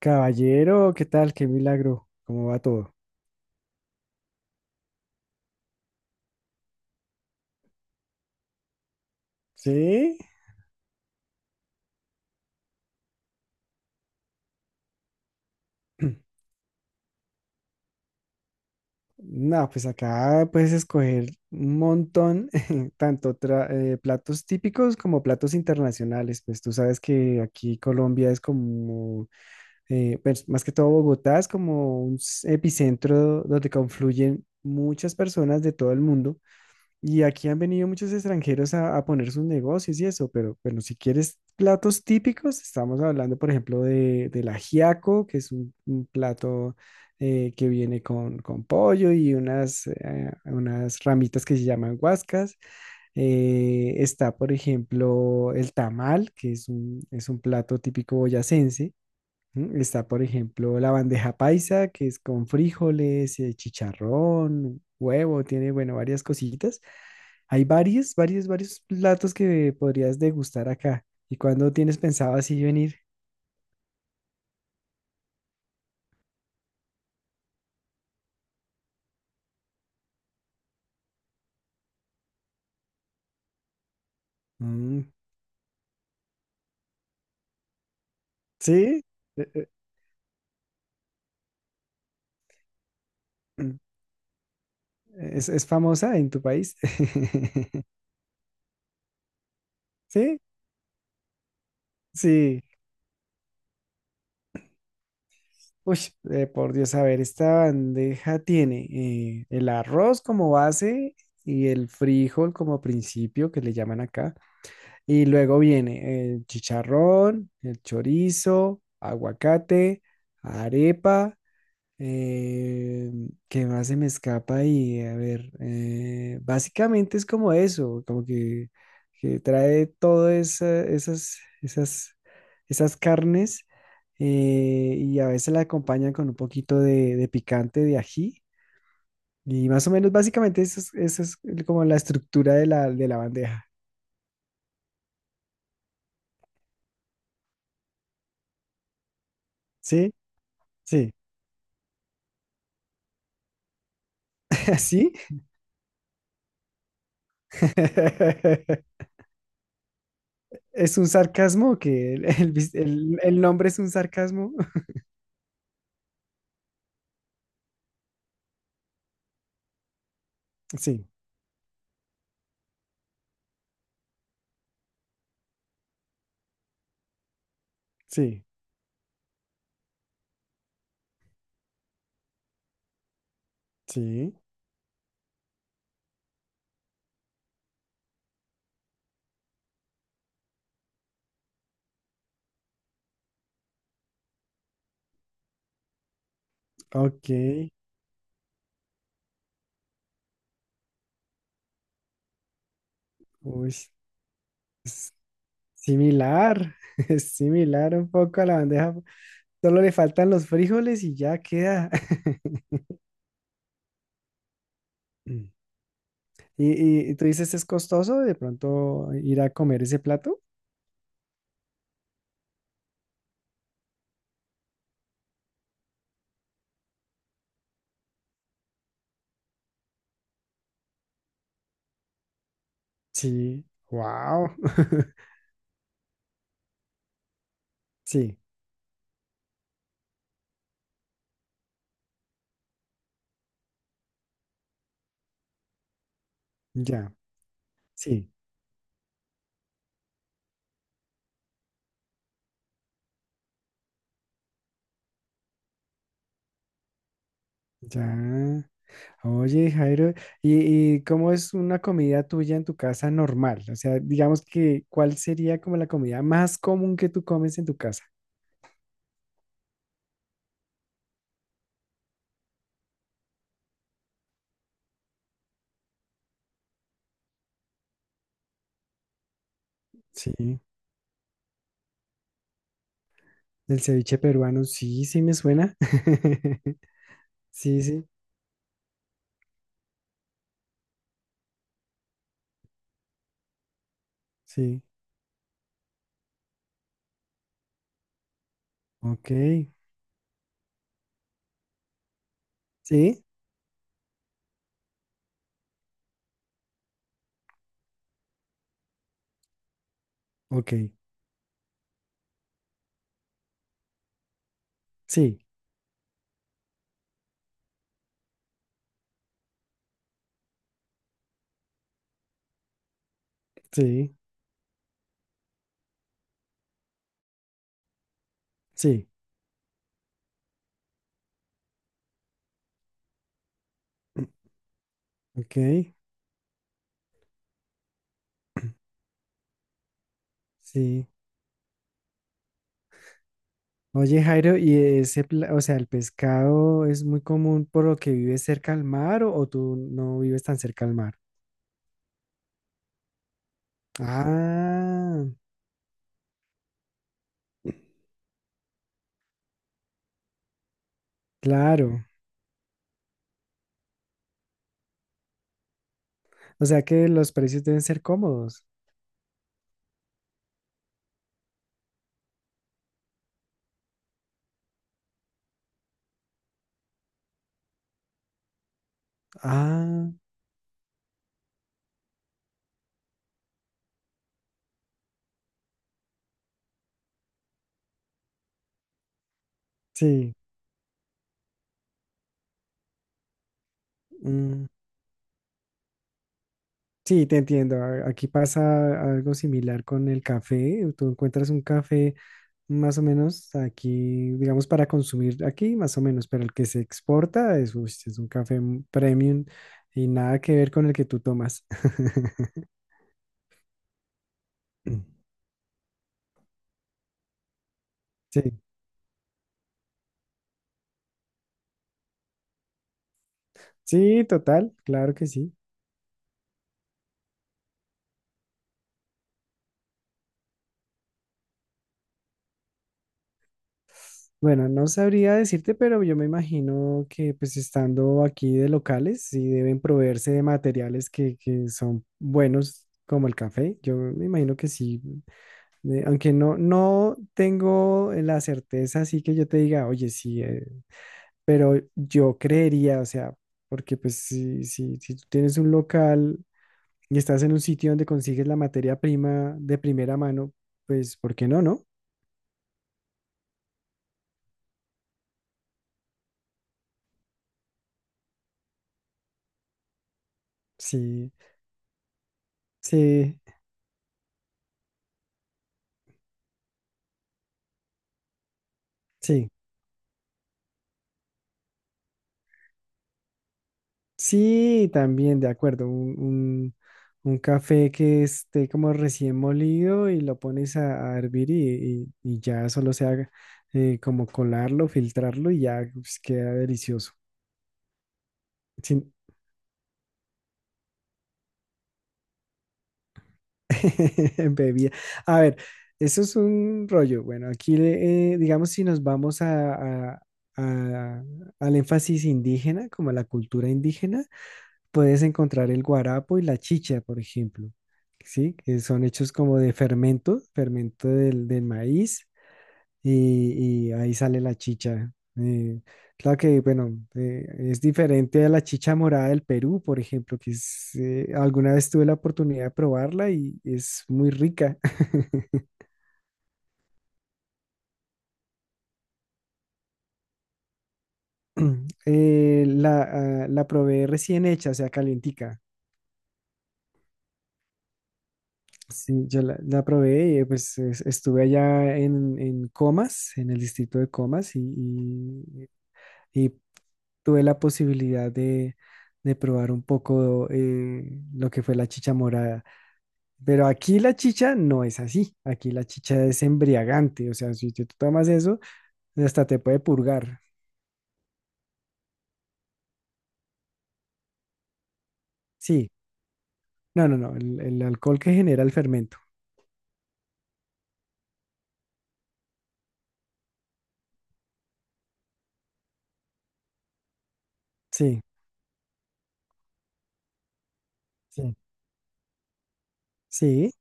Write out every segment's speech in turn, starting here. Caballero, ¿qué tal? Qué milagro. ¿Cómo va todo? ¿Sí? No, pues acá puedes escoger un montón, tanto platos típicos como platos internacionales. Pues tú sabes que aquí Colombia es como, más que todo Bogotá es como un epicentro donde confluyen muchas personas de todo el mundo. Y aquí han venido muchos extranjeros a poner sus negocios y eso, pero bueno, si quieres platos típicos, estamos hablando, por ejemplo, del ajiaco, que es un plato que viene con pollo y unas, unas ramitas que se llaman guascas. Está, por ejemplo, el tamal, que es es un plato típico boyacense. Mm. Está, por ejemplo, la bandeja paisa, que es con frijoles, chicharrón, huevo, tiene, bueno, varias cositas. Hay varios platos que podrías degustar acá. ¿Y cuándo tienes pensado así venir? Mm, ¿sí? Eh, eh, mm, es famosa en tu país? ¿Sí? Sí. Uy, por Dios, a ver, esta bandeja tiene el arroz como base y el frijol como principio, que le llaman acá. Y luego viene el chicharrón, el chorizo, aguacate, arepa. eh, ¿Qué más se me escapa ahí? A ver, básicamente es como eso, como que trae todas esas, esas carnes y a veces la acompañan con un poquito de picante, de ají. Y más o menos, básicamente, eso es como la estructura de la bandeja. ¿Sí? Sí. ¿Así? ¿Es un sarcasmo que el nombre es un sarcasmo? Sí, sí, sí. Ok. Uy, es similar. Es similar un poco a la bandeja. Solo le faltan los frijoles y ya queda. Mm. ¿Y, y tú dices, es costoso de pronto ir a comer ese plato? Sí, wow. Sí, ya, sí, ya. Oye, Jairo, y cómo es una comida tuya en tu casa normal? O sea, digamos que, ¿cuál sería como la comida más común que tú comes en tu casa? Sí, el ceviche peruano, sí, sí me suena. Sí, sí, sí, ok, sí, ok, sí, sí, sí, ok, sí. Oye, Jairo, ¿y ese, o sea, el pescado es muy común por lo que vives cerca al mar o tú no vives tan cerca al mar? Ah, claro. O sea que los precios deben ser cómodos. Ah, sí. Mm, sí, te entiendo. Aquí pasa algo similar con el café. Tú encuentras un café más o menos aquí, digamos, para consumir aquí, más o menos, pero el que se exporta es, uy, sí, es un café premium y nada que ver con el que tú tomas. Sí, sí, total, claro que sí. Bueno, no sabría decirte, pero yo me imagino que pues estando aquí de locales, sí deben proveerse de materiales que son buenos como el café. Yo me imagino que sí, aunque no, no tengo la certeza, así que yo te diga, oye, sí, pero yo creería, o sea, porque pues si tú tienes un local y estás en un sitio donde consigues la materia prima de primera mano, pues ¿por qué no, no? Sí, sí, sí. Sí, también, de acuerdo. Un café que esté como recién molido y lo pones a hervir y, y ya solo se haga como colarlo, filtrarlo y ya pues, queda delicioso. Sin bebida. A ver, eso es un rollo. Bueno, aquí digamos si nos vamos a- a- al énfasis indígena, como a la cultura indígena. Puedes encontrar el guarapo y la chicha, por ejemplo, ¿sí? Que son hechos como de fermento, del, del maíz, y ahí sale la chicha. Eh, claro que, bueno, es diferente a la chicha morada del Perú, por ejemplo, que es, alguna vez tuve la oportunidad de probarla y es muy rica. Eh, la, la probé recién hecha, o sea, calientica. Sí, yo la probé y pues estuve allá en Comas, en el distrito de Comas, y, y tuve la posibilidad de probar un poco lo que fue la chicha morada. Pero aquí la chicha no es así, aquí la chicha es embriagante, o sea, si tú tomas eso, hasta te puede purgar. Sí, no, no, no, el alcohol que genera el fermento. Sí, sí, sí.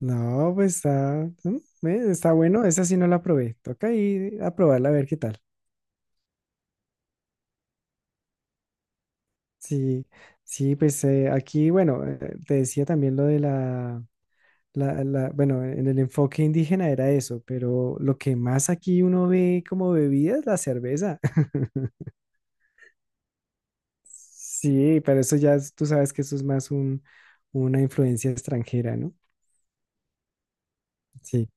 No, pues está, mm, está bueno, esa sí no la probé. Toca ir a probarla a ver qué tal. Sí, sí, pues aquí, bueno, te decía también lo la- bueno, en el enfoque indígena era eso, pero lo que más aquí uno ve como bebida es la cerveza. Sí, pero eso ya, es- tú sabes que eso es más un, una influencia extranjera, ¿no? Sí,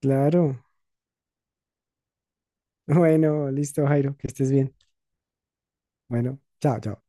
claro. Bueno, listo, Jairo, que estés bien. Bueno, chao, chao.